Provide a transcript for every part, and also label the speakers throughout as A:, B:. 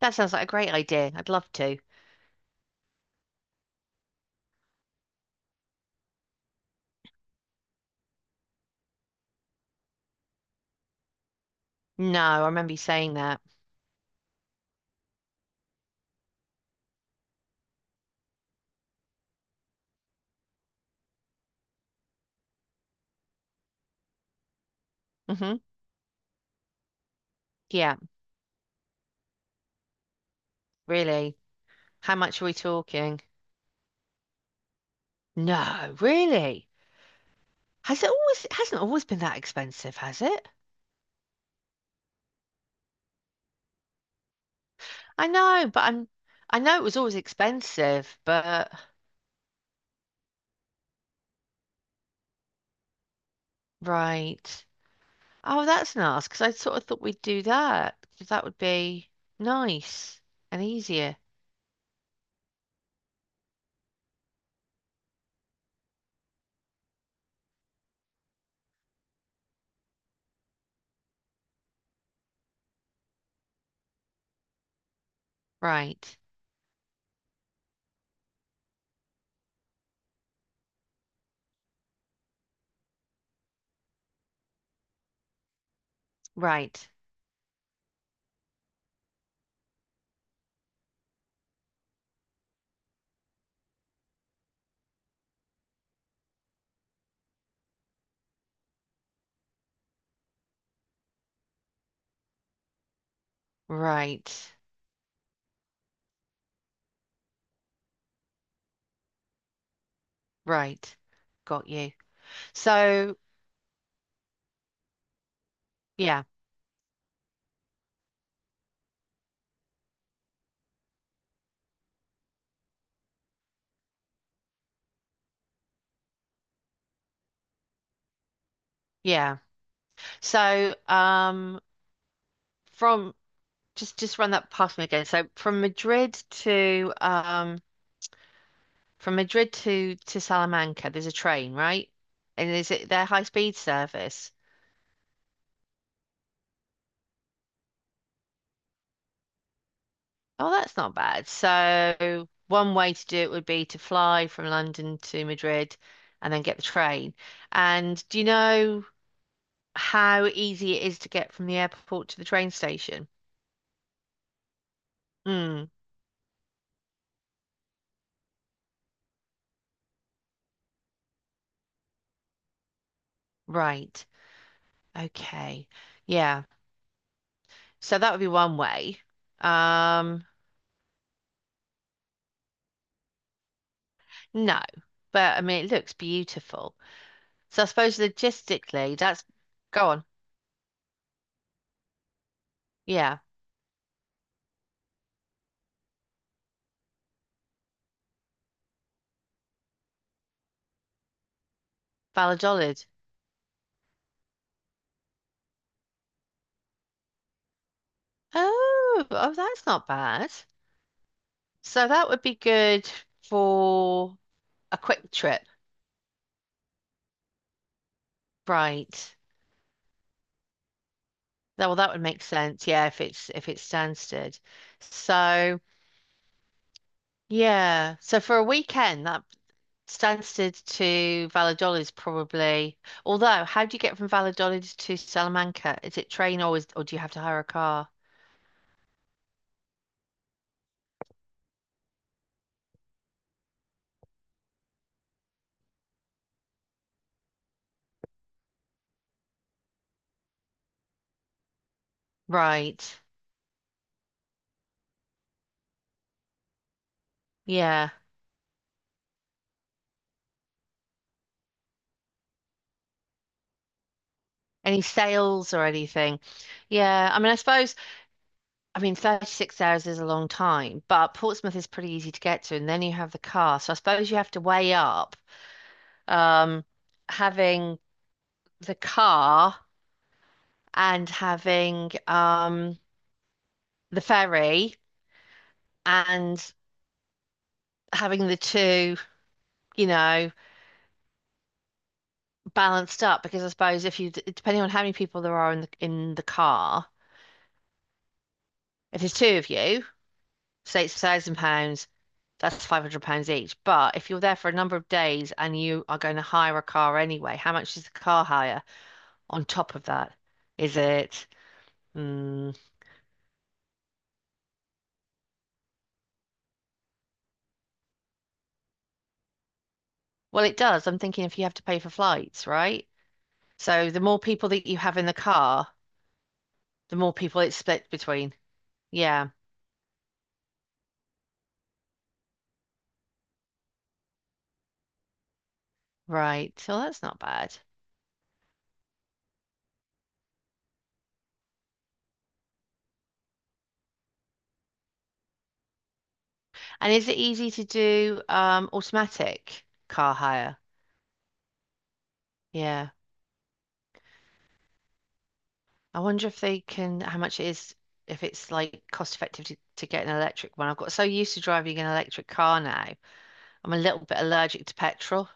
A: That sounds like a great idea. I'd love to. No, I remember you saying that. Hmm. Yeah, really. How much are we talking? No, really. Has it always it hasn't always been that expensive, has it? I know, but I'm I know it was always expensive, but right. Oh, that's nice because I sort of thought we'd do that because that would be nice and easier. Right. Right. Right. Right. Got you. So, yeah. Yeah. So, um, from just run that past me again. So from Madrid to from Madrid to Salamanca, there's a train, right? And is it their high speed service? Oh, that's not bad. So one way to do it would be to fly from London to Madrid and then get the train. And do you know how easy it is to get from the airport to the train station? Mm, right. Okay. Yeah. So that would be one way. Um, no, but I mean, it looks beautiful. So I suppose logistically, that's go on. Yeah, Valladolid. Oh, oh, that's not bad. So that would be good for a quick trip, right? Well, that would make sense. Yeah, if it's Stansted. So yeah, so for a weekend, that Stansted to Valladolid is probably, although how do you get from Valladolid to Salamanca? Is it train or is, or do you have to hire a car? Right. Yeah. Any sales or anything? Yeah. I mean, 36 hours is a long time, but Portsmouth is pretty easy to get to. And then you have the car. So I suppose you have to weigh up um, having the car and having the ferry and having the two, you know, balanced up because I suppose if you, depending on how many people there are in the car, if there's two of you, say it's £1,000, that's £500 each. But if you're there for a number of days and you are going to hire a car anyway, how much is the car hire on top of that? Is it? Mm, well, it does. I'm thinking if you have to pay for flights, right? So the more people that you have in the car, the more people it's split between. Yeah, right. So that's not bad. And is it easy to do automatic car hire? Yeah. I wonder if they can, how much it is, if it's like cost effective to get an electric one. I've got so used to driving an electric car now. I'm a little bit allergic to petrol.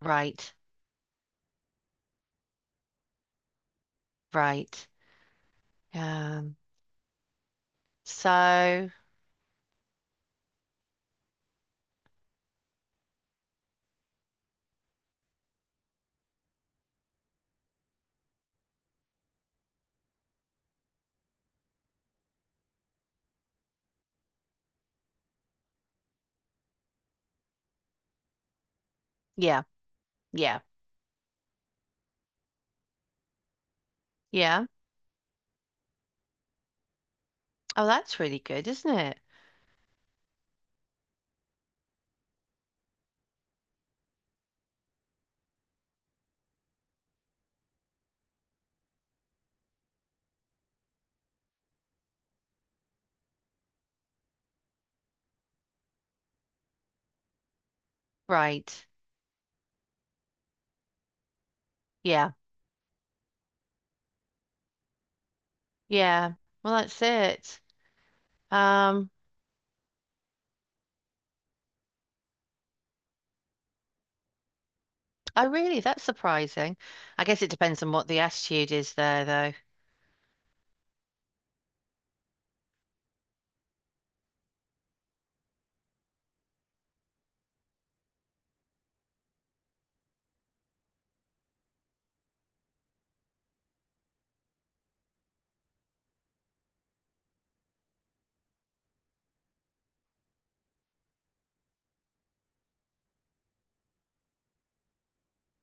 A: Right, right. Um, so yeah, yeah, yeah. Oh, that's really good, isn't it? Right. Yeah, yeah. Well, that's it. Um, oh really, that's surprising. I guess it depends on what the attitude is there, though.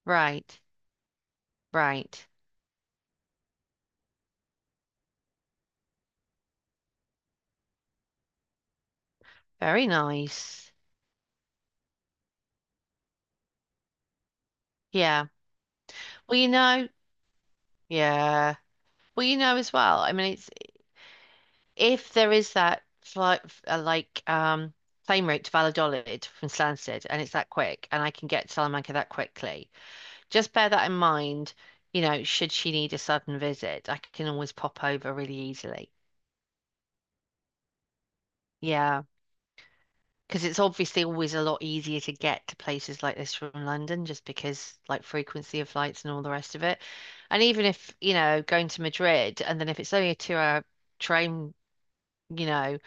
A: Right, right. Very nice. Yeah. Well, you know, yeah. Well, you know as well. I mean, it's if there is that flight, uh, like, um, plane route to Valladolid from Stansted, and it's that quick, and I can get to Salamanca that quickly. Just bear that in mind. You know, should she need a sudden visit, I can always pop over really easily. Yeah. Because it's obviously always a lot easier to get to places like this from London, just because like frequency of flights and all the rest of it. And even if, you know, going to Madrid and then if it's only a 2 hour train, you know,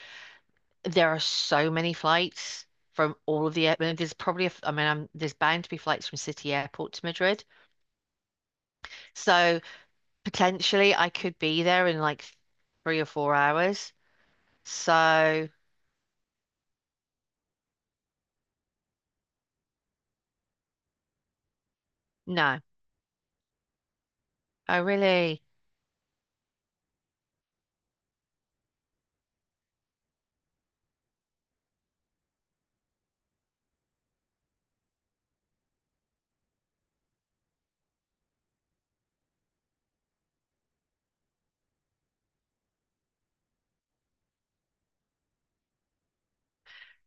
A: there are so many flights from all of the, I mean, there's bound to be flights from City Airport to Madrid. So potentially I could be there in like 3 or 4 hours. So no, I really,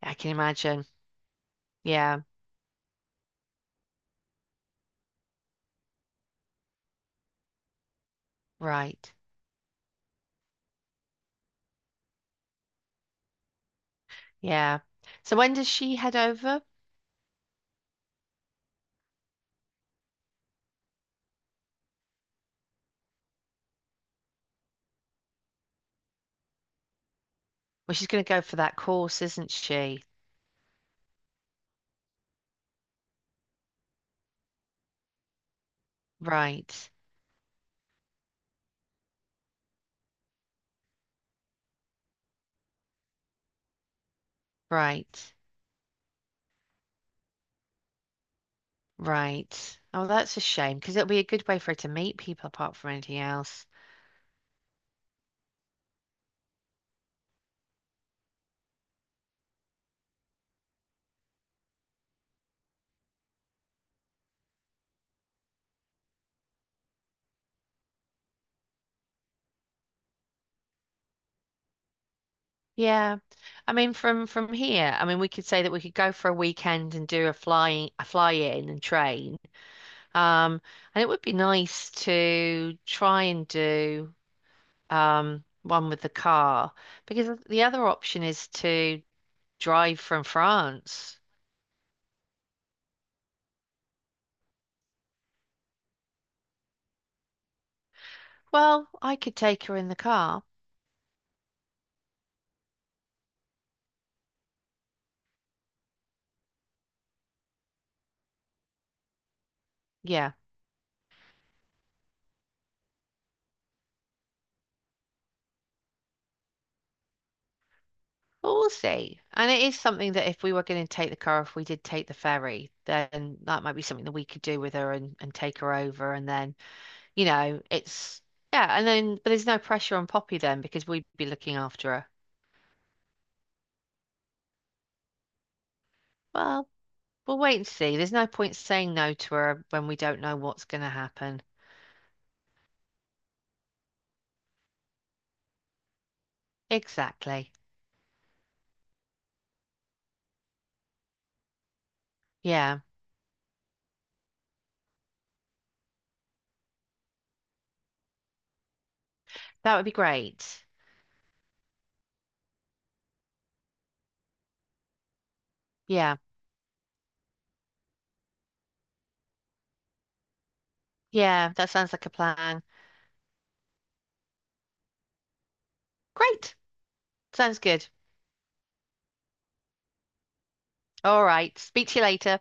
A: I can imagine. Yeah, right. Yeah. So when does she head over? Well, she's going to go for that course, isn't she? Right, right, right. Oh, that's a shame because it'll be a good way for her to meet people apart from anything else. Yeah. I mean, from here, I mean, we could say that we could go for a weekend and do a fly in and train. Um, and it would be nice to try and do one with the car because the other option is to drive from France. Well, I could take her in the car. Yeah, but we'll see. And it is something that if we were going to take the car, if we did take the ferry, then that might be something that we could do with her and take her over. And then, you know, it's, yeah. And then, but there's no pressure on Poppy then because we'd be looking after her. Well, we'll wait and see. There's no point saying no to her when we don't know what's going to happen. Exactly. Yeah, that would be great. Yeah, yeah, that sounds like a plan. Great. Sounds good. All right. Speak to you later.